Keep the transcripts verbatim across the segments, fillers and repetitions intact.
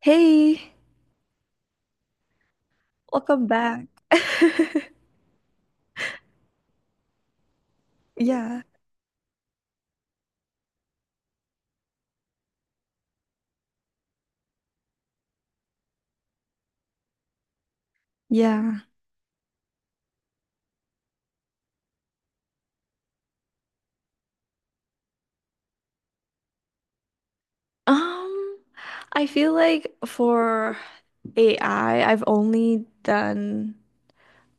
Hey, welcome back. Yeah, yeah. Um, I feel like for A I, I've only done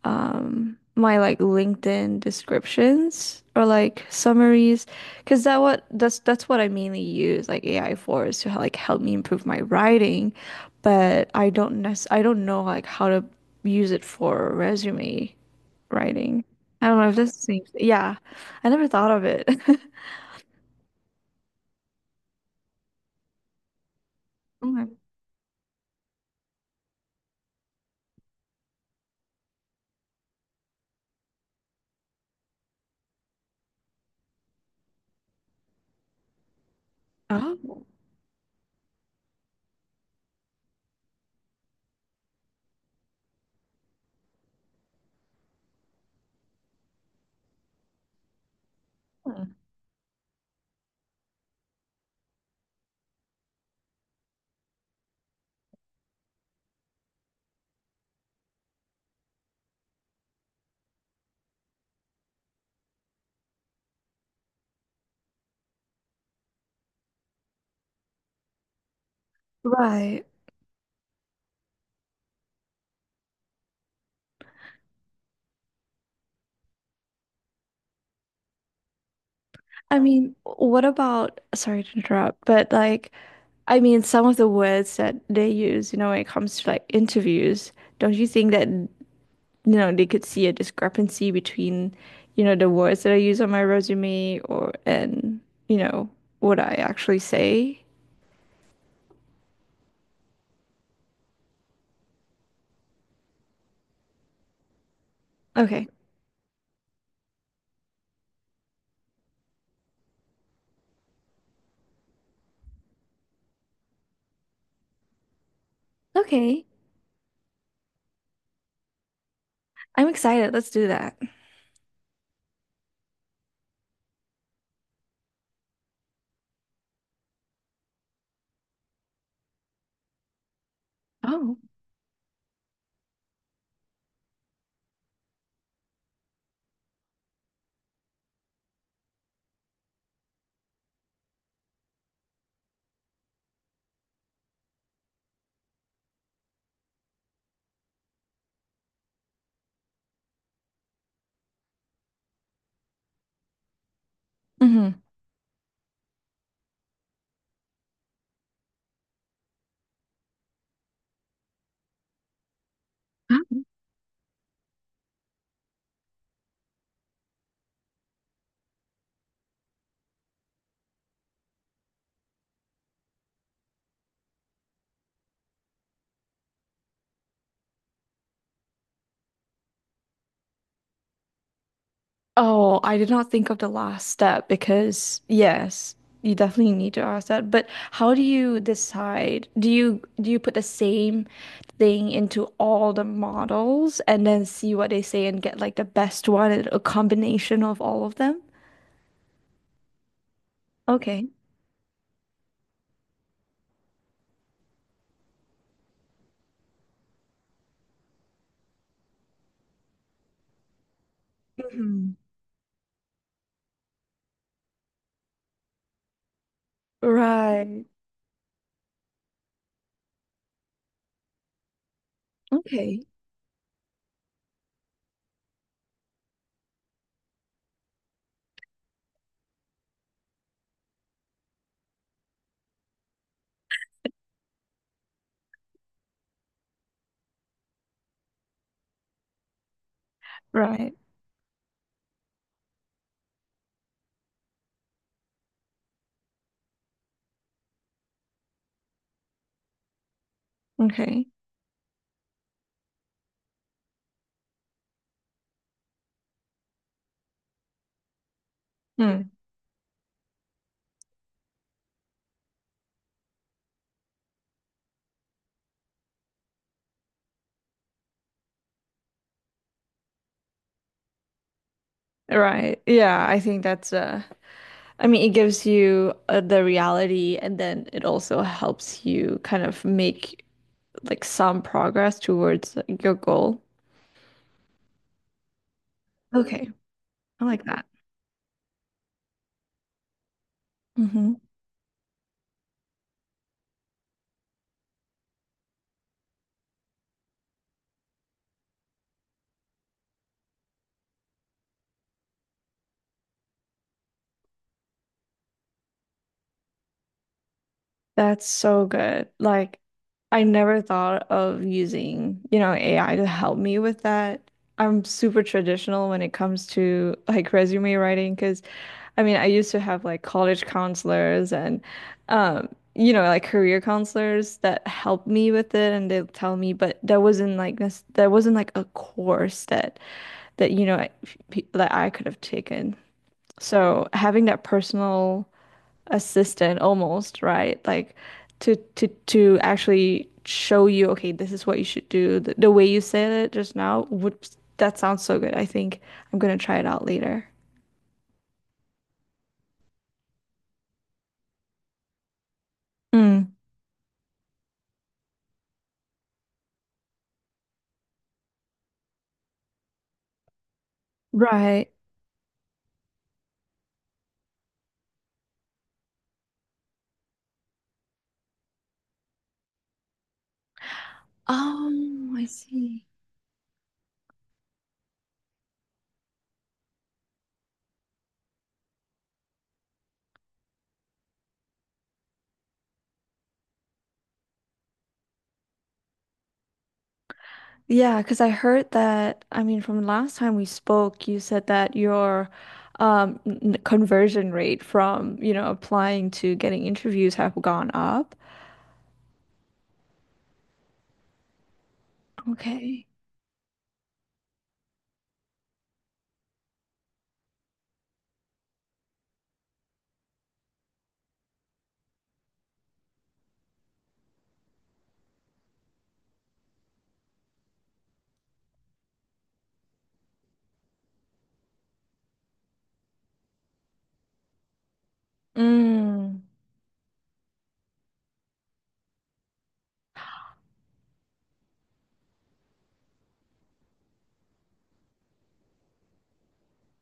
um my like LinkedIn descriptions or like summaries because that what that's that's what I mainly use like A I for is to like help me improve my writing, but I don't nec I don't know like how to use it for a resume. Writing. I don't know if this seems, yeah, I never thought of it. Mm. Oh, right. I mean, what about, sorry to interrupt, but like, I mean, some of the words that they use, you know, when it comes to like interviews, don't you think that, you know, they could see a discrepancy between, you know, the words that I use on my resume or, and, you know, what I actually say? Okay. Okay. I'm excited. Let's do that. Oh. Mm-hmm. Oh, I did not think of the last step because yes, you definitely need to ask that. But how do you decide? Do you do you put the same thing into all the models and then see what they say and get like the best one and a combination of all of them? Okay. Hmm. Right. Okay. Right. Okay. Hmm. Right. Yeah, I think that's uh I mean, it gives you uh, the reality, and then it also helps you kind of make like some progress towards like, your goal. Okay, I like that. Hmm. That's so good. Like, I never thought of using, you know, A I to help me with that. I'm super traditional when it comes to like resume writing because I mean, I used to have like college counselors and, um, you know, like career counselors that helped me with it and they'll tell me, but there wasn't like this, there wasn't like a course that, that, you know, I- pe- that I could have taken. So having that personal assistant almost, right? Like to to to actually show you, okay, this is what you should do. The, the way you said it just now would that sounds so good. I think I'm gonna try it out later. Mm, right. Oh, I see. Yeah, because I heard that, I mean, from last time we spoke, you said that your um, n- conversion rate from, you know, applying to getting interviews have gone up. Okay. Mm.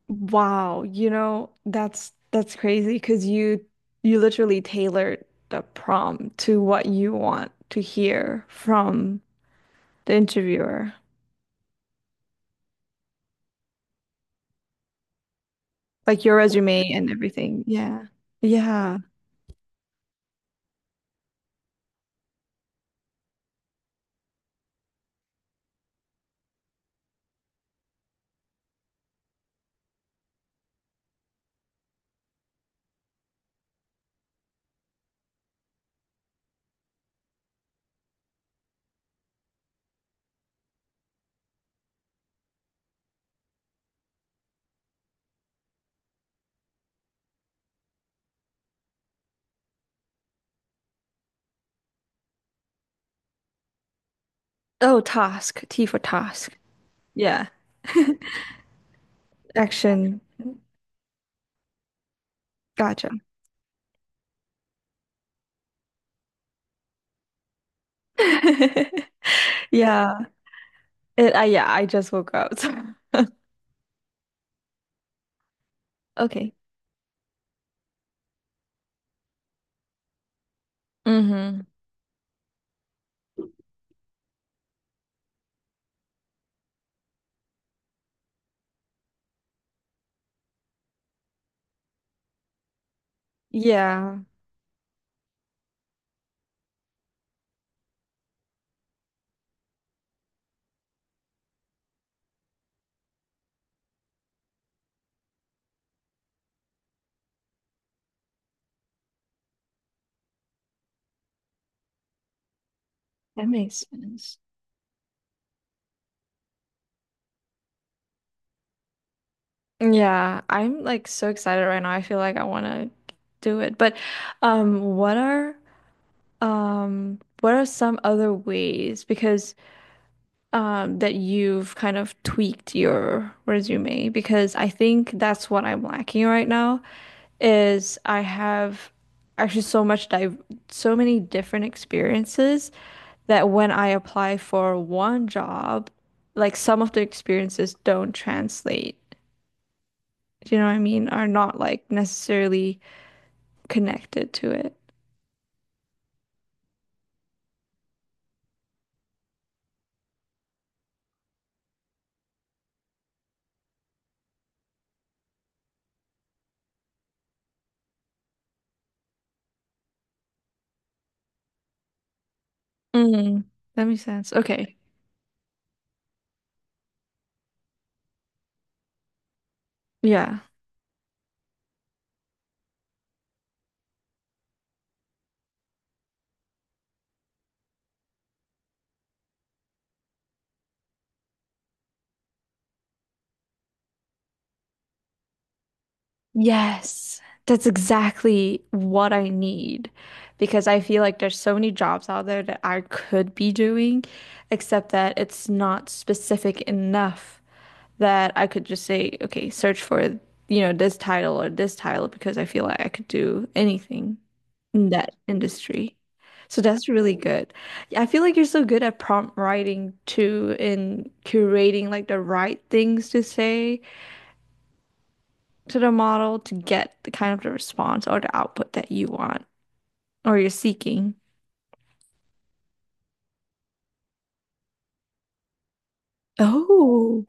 Wow, you know, that's that's crazy because you you literally tailored the prompt to what you want to hear from the interviewer. Like your resume and everything. Yeah. Yeah. Oh, task. T for task. Yeah. Action. Gotcha. Yeah. It, I yeah, I just woke up. so- Okay. Mm-hmm. Yeah. That makes sense. Yeah, I'm like so excited right now. I feel like I want to do it. But um what are um what are some other ways because um that you've kind of tweaked your resume because I think that's what I'm lacking right now is I have actually so much dive so many different experiences that when I apply for one job, like some of the experiences don't translate. Do you know what I mean? Are not like necessarily connected to it. Mm, that makes sense. Okay. Yeah. Yes. That's exactly what I need because I feel like there's so many jobs out there that I could be doing, except that it's not specific enough that I could just say, okay, search for, you know, this title or this title because I feel like I could do anything in that industry. So that's really good. Yeah, I feel like you're so good at prompt writing too, in curating like the right things to say to the model to get the kind of the response or the output that you want or you're seeking. Oh,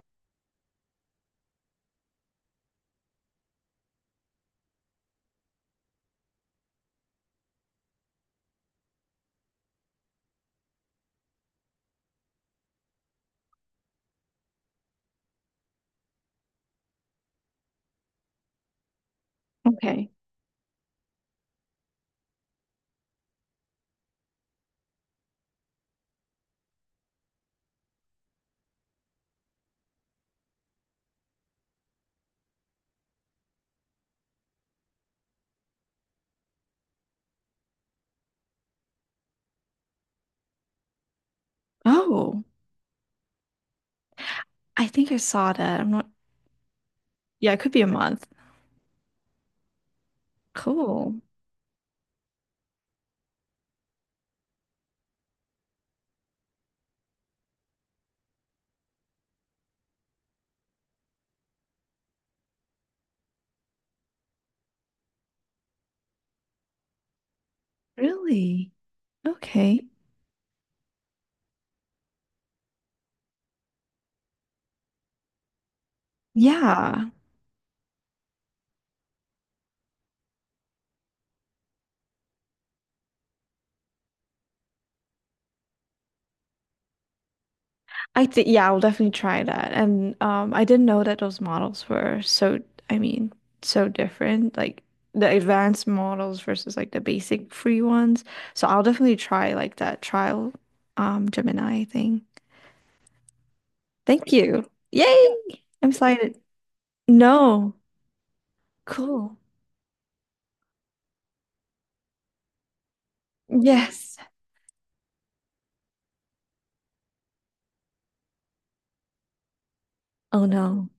okay. Oh, I think I saw that. I'm not, yeah, it could be a month. Cool. Really? Okay. Yeah, I think yeah, I'll definitely try that. And um, I didn't know that those models were so, I mean, so different, like the advanced models versus like the basic free ones. So I'll definitely try like that trial um Gemini thing. Thank you. Yay! I'm excited. No. Cool. Yes. Oh no.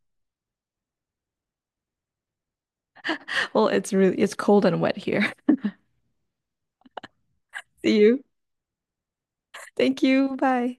Well, it's really it's cold and wet here. See you. Thank you. Bye.